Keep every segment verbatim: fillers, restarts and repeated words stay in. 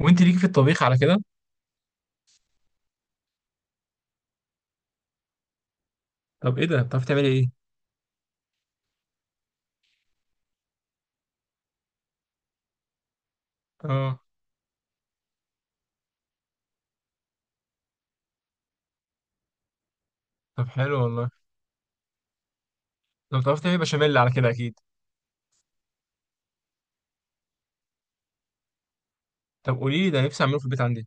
وانت ليكي في الطبيخ على كده؟ طب ايه ده بتعرفي تعملي ايه؟ اه. طب حلو والله. طب بتعرفي تعملي بشاميل على كده اكيد؟ طب قولي لي، ده نفسي اعمله في البيت عندي.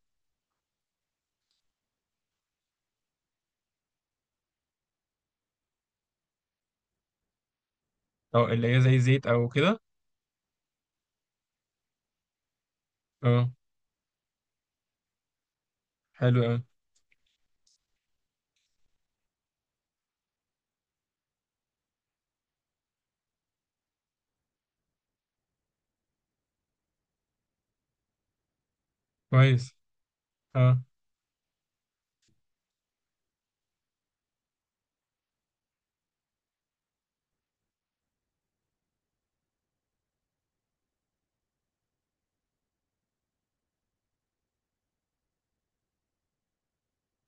اه، اللي هي زي زيت او كده؟ اه. حلو قوي. كويس. اه.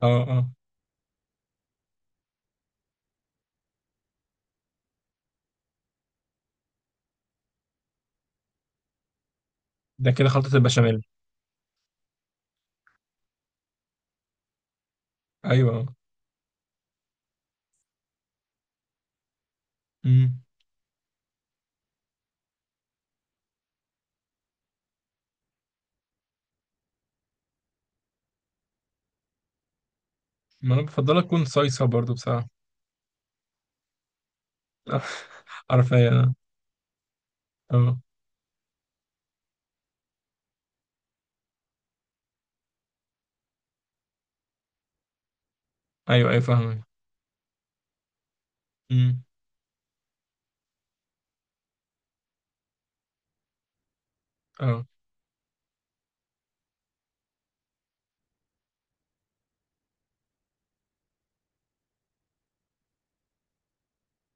اه. اه. ده كده خلطة البشاميل؟ ايوه. اه. امم. ما انا بفضلها تكون صيصة برضو بصراحة. عارفة، اه. اه، ايوه ايوه فاهمك. امم. اه.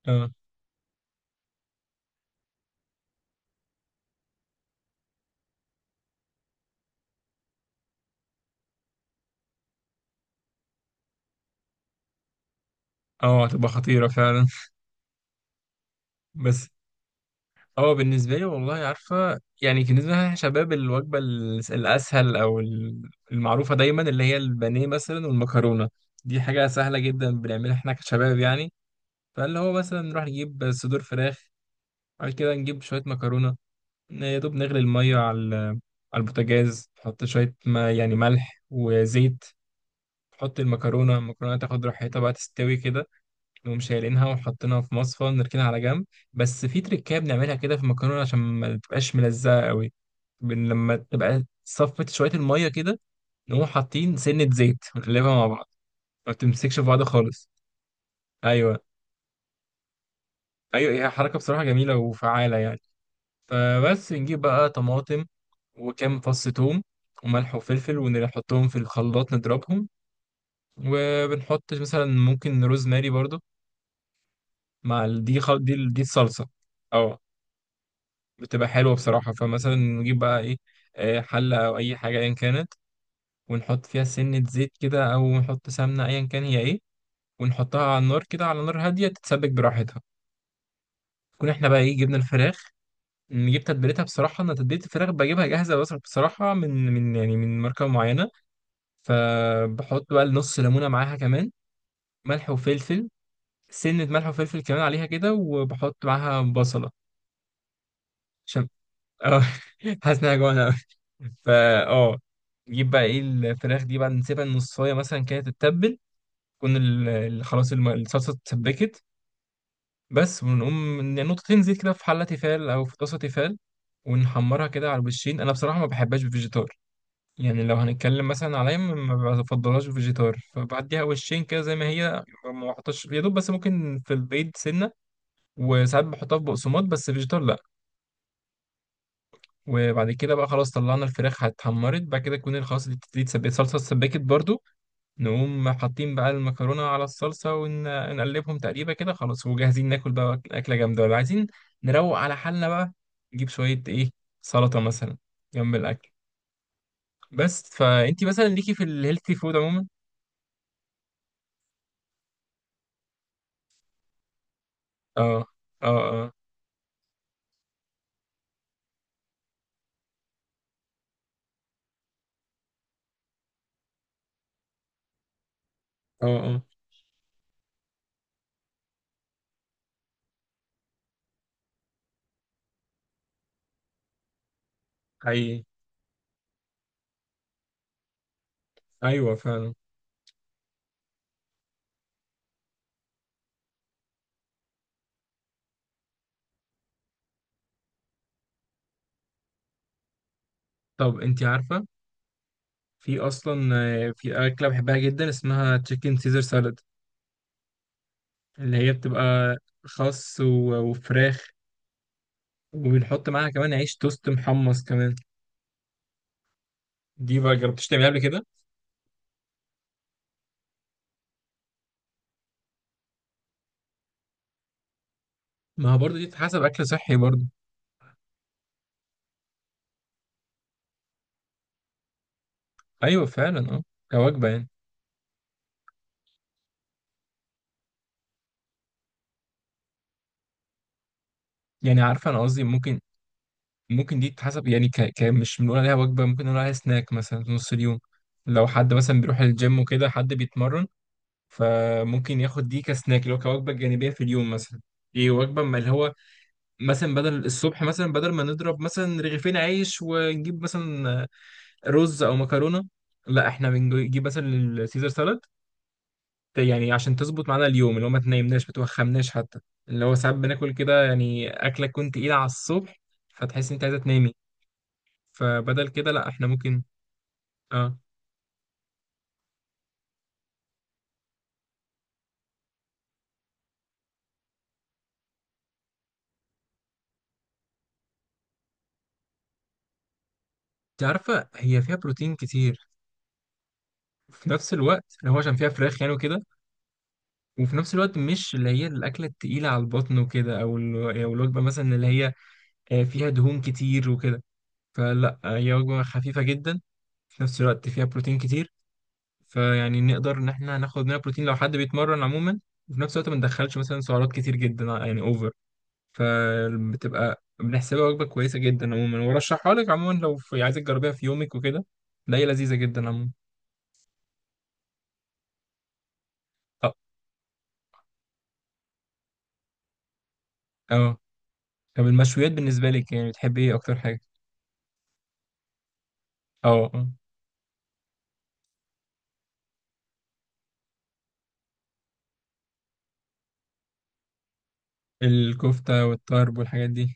اه. اه هتبقى خطيرة فعلا. بس. هو بالنسبة لي والله، عارفة يعني، بالنسبة لنا شباب، الوجبة الس- الأسهل أو ال- المعروفة دايما اللي هي البانيه مثلا والمكرونة. دي حاجة سهلة جدا بنعملها احنا كشباب يعني. فاللي هو مثلا نروح نجيب صدور فراخ، بعد كده نجيب شوية مكرونة، يا دوب نغلي المية على ال- على البوتاجاز، نحط شوية ما يعني ملح وزيت، نحط المكرونة، المكرونة تاخد راحتها بقى تستوي كده، نقوم شايلينها وحاطينها في مصفى ونركنها على جنب. بس في تريكاية بنعملها كده في المكرونة عشان ما تبقاش ملزقة قوي. بن- لما تبقى صفت شوية المية كده، نقوم حاطين سنة زيت ونقلبها مع بعض، ما بتمسكش في بعض خالص. أيوة. أيوة، هي حركة بصراحة جميلة وفعالة يعني. فبس نجيب بقى طماطم وكام فص توم وملح وفلفل ونحطهم في الخلاط نضربهم، وبنحط مثلا ممكن روزماري برضو مع ال- دي خل... دي ال- دي الصلصة اه، بتبقى حلوة بصراحة. فمثلا نجيب بقى إيه، آه، حلة أو أي حاجة أيا كانت، ونحط فيها سنة زيت كده أو نحط سمنة أيا كان هي إيه، ونحطها على النار كده على نار هادية تتسبك براحتها. تكون إحنا بقى إيه جبنا الفراخ، نجيب تتبيلتها، بصراحة أنا تتبيلة الفراخ بجيبها جاهزة، بص- بصراحة من من يعني من ماركة معينة. فبحط بقى نص ليمونة معاها كمان، ملح وفلفل، سنة ملح وفلفل كمان عليها كده، وبحط معاها بصلة. اه. حاسس انها جوعانه قوي. فا اه نجيب بقى ايه الفراخ دي بعد، نسيبها نصايه مثلا كده تتبل، تكون ال- ال- خلاص الم- الصلصه اتسبكت بس، ونقوم نقطتين زيت كده في حله تيفال او في طاسه تيفال، ونحمرها كده على الوشين. انا بصراحه ما بحبهاش بفيجيتار، يعني لو هنتكلم مثلا عليا ما ما بفضلهاش بفيجيتار، فبعديها وشين كده زي ما هي، ما بحطش يا دوب بس ممكن في البيض سنه، وساعات بحطها في بقسماط، بس فيجيتار لا. وبعد كده بقى خلاص طلعنا الفراخ اتحمرت، بعد كده تكون خلاص دي دي اتسبكت، الصلصه اتسبكت برضو، نقوم حاطين بقى المكرونه على الصلصه ونقلبهم تقريبا كده، خلاص وجاهزين ناكل بقى اكله جامده، ولا عايزين نروق على حالنا بقى، نجيب شويه ايه سلطه مثلا جنب الاكل. بس فانتي مثلا ليكي في الهيلثي فود عموما؟ اه. اه. اه. اه. اه. حقيقي. ايوه فعلا طب انتي عارفه، في اصلا آه، في اكله بحبها جدا اسمها تشيكن سيزر سالاد، اللي هي بتبقى خس و- وفراخ، وبنحط معاها كمان عيش توست محمص كمان. دي بقى جربتش تعملها قبل كده؟ ما هو برضه دي تتحسب اكل صحي برضه. ايوه فعلا اه. كوجبه يعني. يعني عارفه انا قصدي ممكن، ممكن دي تتحسب يعني ك... ك... مش بنقول عليها وجبه، ممكن نقول عليها سناك مثلا في نص اليوم، لو حد مثلا بيروح الجيم وكده حد بيتمرن. فممكن ياخد دي كسناك اللي هو كوجبه جانبيه في اليوم مثلا. ايه وجبه ما اللي هو مثلا بدل الصبح، مثلا بدل ما نضرب مثلا رغيفين عيش ونجيب مثلا رز او مكرونه، لا احنا بنجيب مثلا السيزر سالاد، ت- يعني عشان تظبط معانا اليوم اللي هو ما تنامناش ما توخمناش حتى. اللي هو ساعات بناكل كده يعني اكله تكون تقيله على الصبح، فتحس انت عايزه تنامي، فبدل كده لا احنا ممكن. اه، انت عارفه هي فيها بروتين كتير، في نفس الوقت اللي هو عشان فيها فراخ يعني وكده، وفي نفس الوقت مش اللي هي الاكله التقيله على البطن وكده، او ال- أو الوجبه مثلا اللي هي آه، فيها دهون كتير وكده. فلا هي وجبه خفيفه جدا، في نفس الوقت فيها بروتين كتير، فيعني نقدر ان احنا ناخد منها بروتين لو حد بيتمرن عموما، وفي نفس الوقت ما ندخلش مثلا سعرات كتير جدا يعني اوفر. فبتبقى بنحسبها وجبه كويسه جدا عموما، وارشحها لك عموما لو في عايزك تجربيها في يومك وكده. لا هي لذيذه جدا عموما. اه. اه. طب المشويات بالنسبه لك يعني بتحبي ايه اكتر حاجه؟ اه. اه. الكفته والطرب والحاجات دي.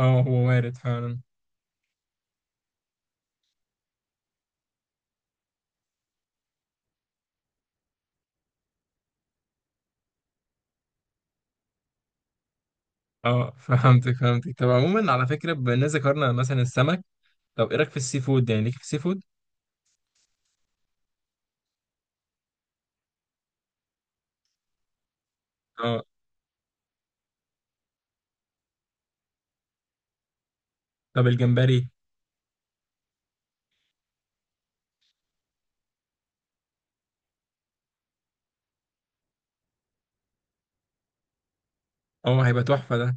اه هو وارد فعلا. اه. فهمتك فهمتك. طب عموما على فكره، بما اننا ذكرنا مثلا السمك، طب ايه رايك في السي فود؟ يعني ليك في السي فود؟ اه. طب الجمبري؟ اه هيبقى تحفة ده.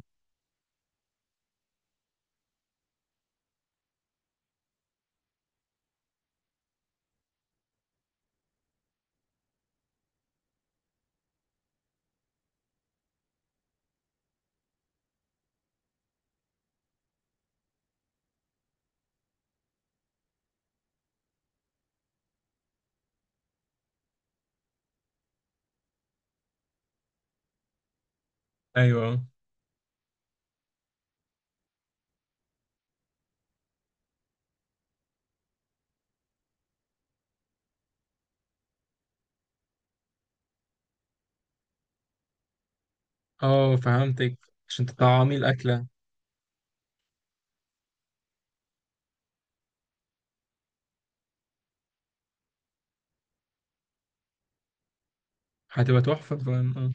ايوه اه، فهمتك، عشان تطعمي الأكلة. هتبقى تحفة فاهم اه.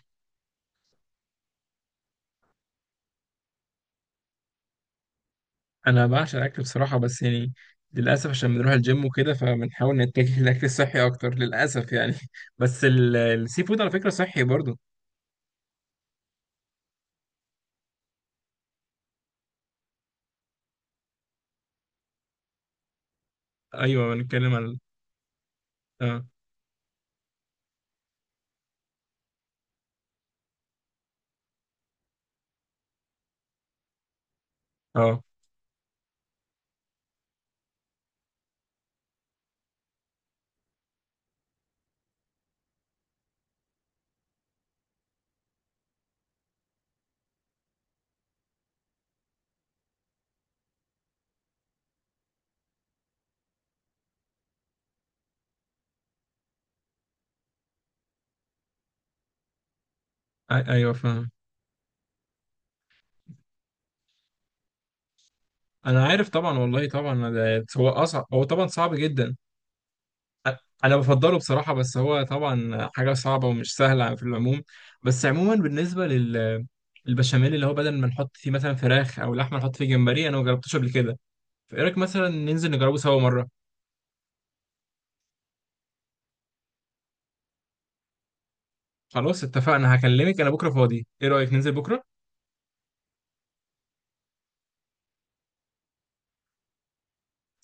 انا بعشق الأكل بصراحة، بس يعني للأسف عشان بنروح الجيم وكده، فبنحاول نتجه للأكل الصحي أكتر للأسف يعني. بس ال- السي فود على فكرة صحي برضو. ايوه بنتكلم عن اه. اه. أي- ايوه فاهم. انا عارف طبعا والله، طبعا ده هو اصعب، هو طبعا صعب جدا. انا بفضله بصراحه، بس هو طبعا حاجه صعبه ومش سهله في العموم. بس عموما بالنسبه لل البشاميل، اللي هو بدل ما نحط فيه مثلا فراخ او لحمه نحط فيه جمبري، انا ما جربتوش قبل كده. فايه رايك مثلا ننزل نجربه سوا مره. خلاص اتفقنا، هكلمك انا بكره فاضي، ايه رايك ننزل بكره؟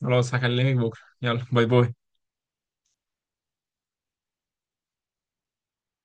خلاص هكلمك بكره، يلا باي باي.